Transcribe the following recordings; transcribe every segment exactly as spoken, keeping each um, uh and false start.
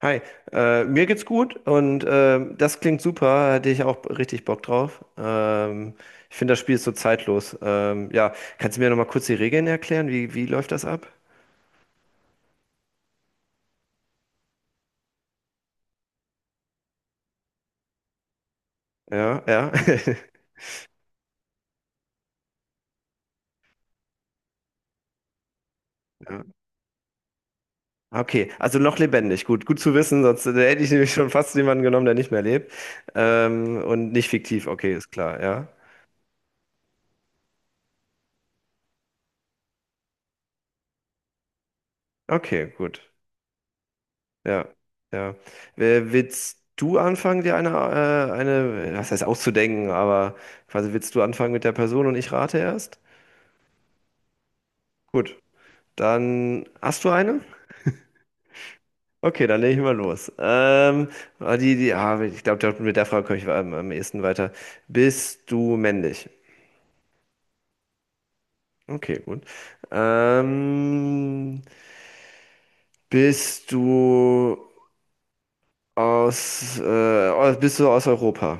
Hi, äh, mir geht's gut und ähm, das klingt super, hätte ich auch richtig Bock drauf. Ähm, ich finde, das Spiel ist so zeitlos. Ähm, ja, kannst du mir nochmal kurz die Regeln erklären? Wie, wie läuft das ab? Ja, ja. Ja. Okay, also noch lebendig. Gut, gut zu wissen, sonst äh, hätte ich nämlich schon fast jemanden genommen, der nicht mehr lebt. Ähm, und nicht fiktiv, okay, ist klar, ja. Okay, gut. Ja, ja. Wer- Willst du anfangen, dir eine, äh, eine, was heißt auszudenken, aber quasi willst du anfangen mit der Person und ich rate erst? Gut, dann hast du eine? Okay, dann lege ich mal los. Ähm, ah, die, die, ah, ich glaube, mit der Frage komme ich am, am ehesten weiter. Bist du männlich? Okay, gut. Ähm, bist du aus, äh, Bist du aus Europa?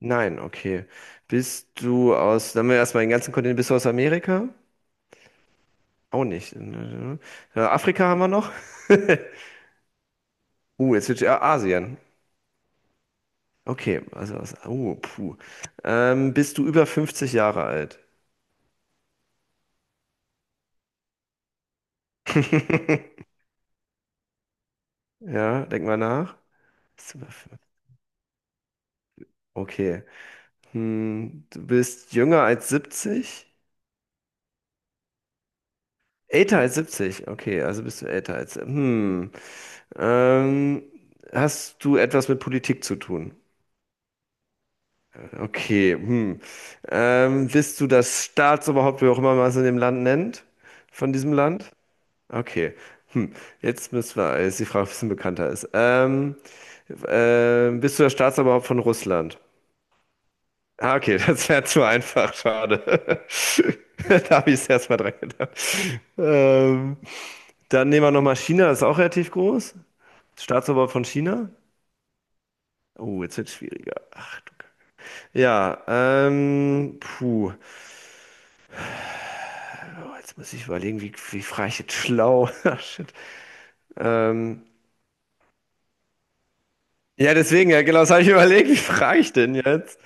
Nein, okay. Bist du aus, dann haben wir erstmal den ganzen Kontinent, bist du aus Amerika? Auch nicht. Äh, Afrika haben wir noch? Uh, jetzt wird ja Asien. Okay, also aus, oh, puh. Ähm, bist du über fünfzig Jahre alt? Ja, denk mal nach. Bist du über fünfzig? Okay. Hm, du bist jünger als siebzig? Älter als siebzig. Okay, also bist du älter als. Hm. Ähm, Hast du etwas mit Politik zu tun? Okay, hm. Ähm, bist du das Staatsoberhaupt, wie auch immer man es in dem Land nennt? Von diesem Land? Okay. Hm. Jetzt müssen wir, jetzt die Frage, ob es ein bisschen bekannter ist. Ähm, ähm, bist du das Staatsoberhaupt von Russland? Ah, okay, das wäre zu einfach, schade. Da habe ich es erstmal dran gedacht. Ähm, Dann nehmen wir nochmal China, das ist auch relativ groß. Staatsoberhaupt von China? Oh, jetzt wird es schwieriger. Ach, du. Ja, ähm, puh. Oh, jetzt muss ich überlegen, wie, wie frage ich jetzt schlau? Ah, Shit. Ähm, ja, deswegen, ja, genau, das habe ich überlegt, wie frage ich denn jetzt?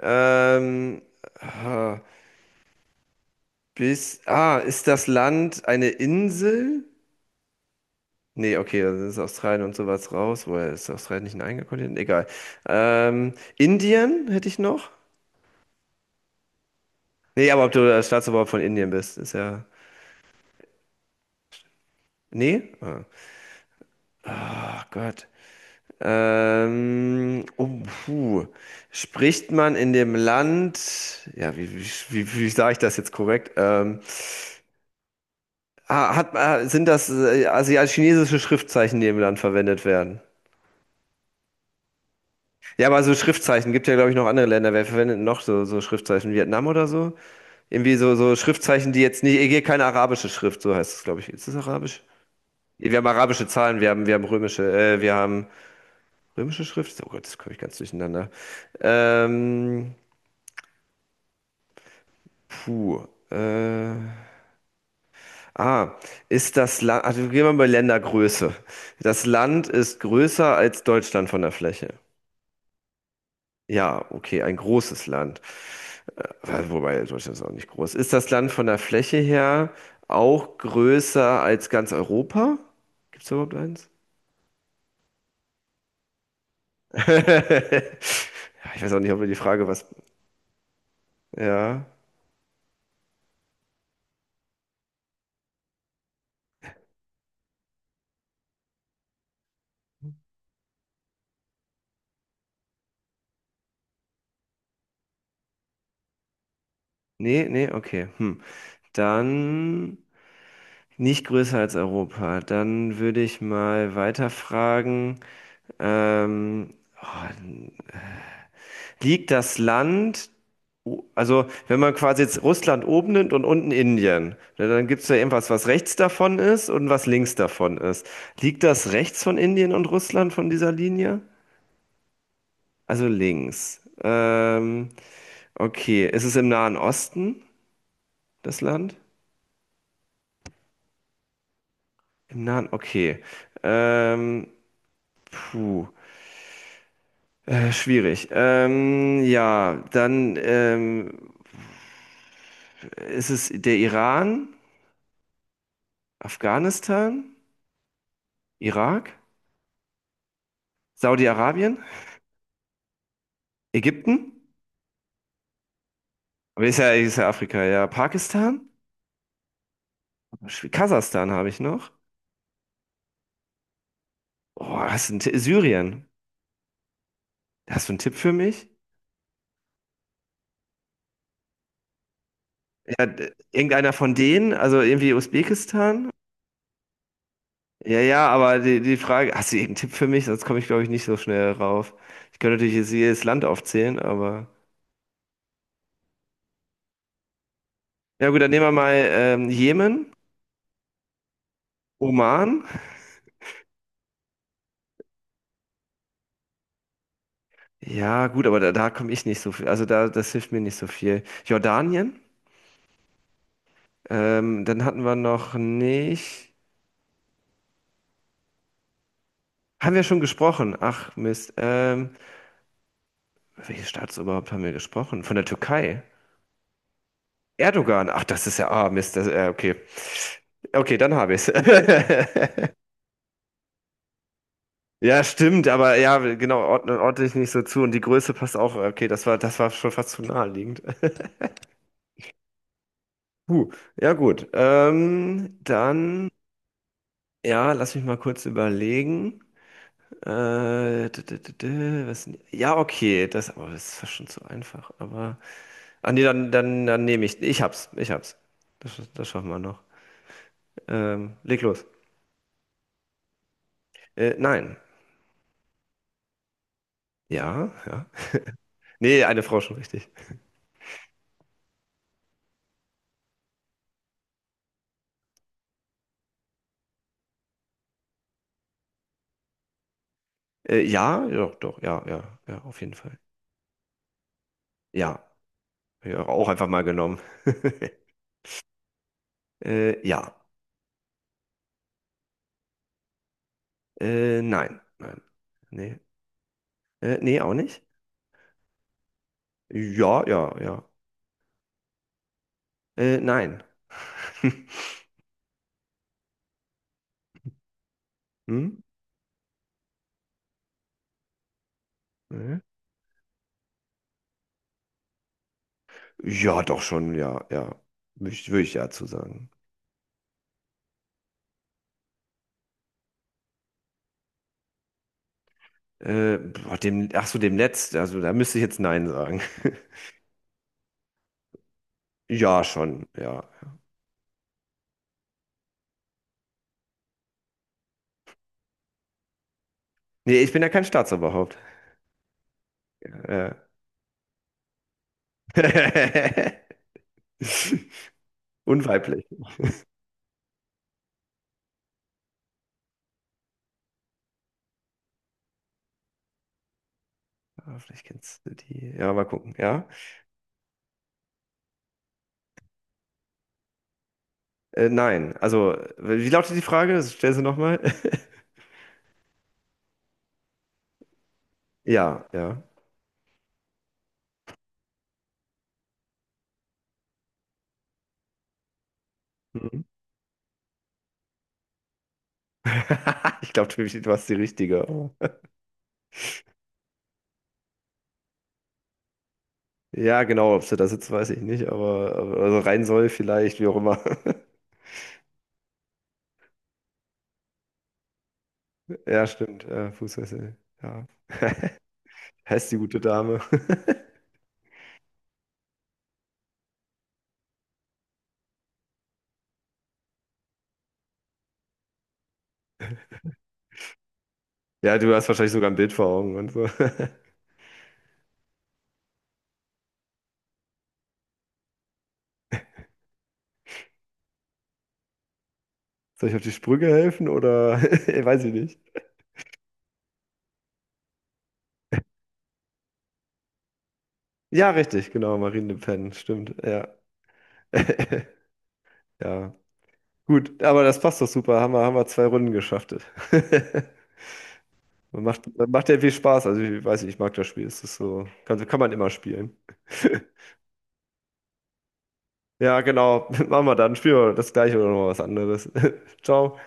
Ähm, ah, bis, ah, Ist das Land eine Insel? Nee, okay, dann ist Australien und sowas raus. Woher ist Australien nicht ein eigener Kontinent? Egal. Ähm, Indien hätte ich noch? Nee, aber ob du der Staatsoberhaupt von Indien bist, ist ja. Nee? Ah. Oh Gott. Ähm, oh, puh. Spricht man in dem Land, ja, wie, wie, wie, wie sage ich das jetzt korrekt? Ähm, ah, hat, ah, sind das äh, asiatisch-chinesische Schriftzeichen, die im Land verwendet werden? Ja, aber so Schriftzeichen gibt ja, glaube ich, noch andere Länder. Wer verwendet noch so, so Schriftzeichen? Vietnam oder so? Irgendwie so, so Schriftzeichen, die jetzt nicht, hier keine arabische Schrift, so heißt es, glaube ich. Ist das arabisch? Ja, Wir haben arabische Zahlen, wir haben, wir haben römische, äh, wir haben römische Schrift. Oh Gott, das komme ich ganz durcheinander. Ähm, Puh. Äh, ah, Ist das Land, also gehen wir mal bei Ländergröße. Das Land ist größer als Deutschland von der Fläche. Ja, okay, ein großes Land. Äh, Wobei Deutschland ist auch nicht groß. Ist das Land von der Fläche her auch größer als ganz Europa? Gibt es überhaupt eins? Ja, Ich weiß auch nicht, ob wir die Frage was. Ja. Nee, nee, okay. Hm. Dann nicht größer als Europa. Dann würde ich mal weiterfragen. Ähm, oh, Liegt das Land, o- also wenn man quasi jetzt Russland oben nimmt und unten Indien, ne, dann gibt es ja irgendwas, was rechts davon ist und was links davon ist. Liegt das rechts von Indien und Russland von dieser Linie? Also links. Ähm, okay, ist es im Nahen Osten, das Land? Im Nahen, okay. Ähm, Puh. Äh, schwierig. Ähm, ja, dann ähm, ist es der Iran, Afghanistan, Irak, Saudi-Arabien, Ägypten, aber ist ja, ist ja Afrika, ja, Pakistan, Schw- Kasachstan habe ich noch. Oh, hast du einen Ti- Syrien? Hast du einen Tipp für mich? Ja, d- irgendeiner von denen, also irgendwie Usbekistan? Ja, ja, aber die, die Frage, hast du irgendeinen Tipp für mich? Sonst komme ich, glaube ich, nicht so schnell rauf. Ich könnte natürlich jetzt jedes Land aufzählen, aber. Ja gut, dann nehmen wir mal ähm, Jemen, Oman. Ja gut, aber da, da komme ich nicht so viel. Also da, das hilft mir nicht so viel. Jordanien. Ähm, dann hatten wir noch nicht. Haben wir schon gesprochen? Ach Mist. Ähm, welches Staatsoberhaupt haben wir gesprochen? Von der Türkei. Erdogan. Ach, das ist ja. Ah Mist. Das, äh, okay. Okay, dann habe ich es. Ja, stimmt, aber ja, genau, ordne, ordne ich nicht so zu. Und die Größe passt auch. Okay, das war, das war schon fast zu naheliegend. Puh, ja gut. Ähm, dann, ja, lass mich mal kurz überlegen. Äh, d- d- d- d- was, ja, okay, das, aber das ist fast schon zu einfach. Aber, ah nee, dann, dann, dann nehme ich, ich hab's, ich hab's. Das, sch- das schaffen wir noch. Ähm, leg los. Äh, nein. Ja, ja. Nee, eine Frau schon richtig. Äh, ja, ja, doch, ja, ja, ja, auf jeden Fall. Ja, ja, auch einfach mal genommen. Äh, ja. Äh, nein, nein. Nee. Äh, nee, auch nicht. Ja, ja, ja. Äh, nein. Hm? Nee. Ja, doch schon, ja, ja. Würde ich, würd ich ja zu sagen. Äh, boah, dem, ach so, dem Netz, also da müsste ich jetzt Nein sagen. Ja, schon, ja. Nee, ich bin ja kein Staatsoberhaupt. Äh. Unweiblich. Ah, vielleicht kennst du die. Ja, mal gucken, ja. Äh, nein, also, wie lautet die Frage? Stell sie nochmal. Ja, ja. Mhm. Ich glaube, du hast die richtige. Oh. Ja, genau, ob sie da sitzt, weiß ich nicht, aber, aber also rein soll vielleicht, wie auch immer. Ja, stimmt, äh, Fußfessel. Ja. Heißt die gute Dame. Ja, du hast wahrscheinlich sogar ein Bild vor Augen und so. Soll ich auf die Sprünge helfen oder weiß ich nicht. Ja, richtig, genau, Marine Le Pen, stimmt, ja. Ja, gut, aber das passt doch super. Haben wir, haben wir zwei Runden geschafft. Macht, macht ja viel Spaß. Also ich weiß nicht, ich mag das Spiel. Es ist so, kann, kann man immer spielen. Ja, genau. Machen wir dann. Spielen wir das gleiche oder noch was anderes. Ciao.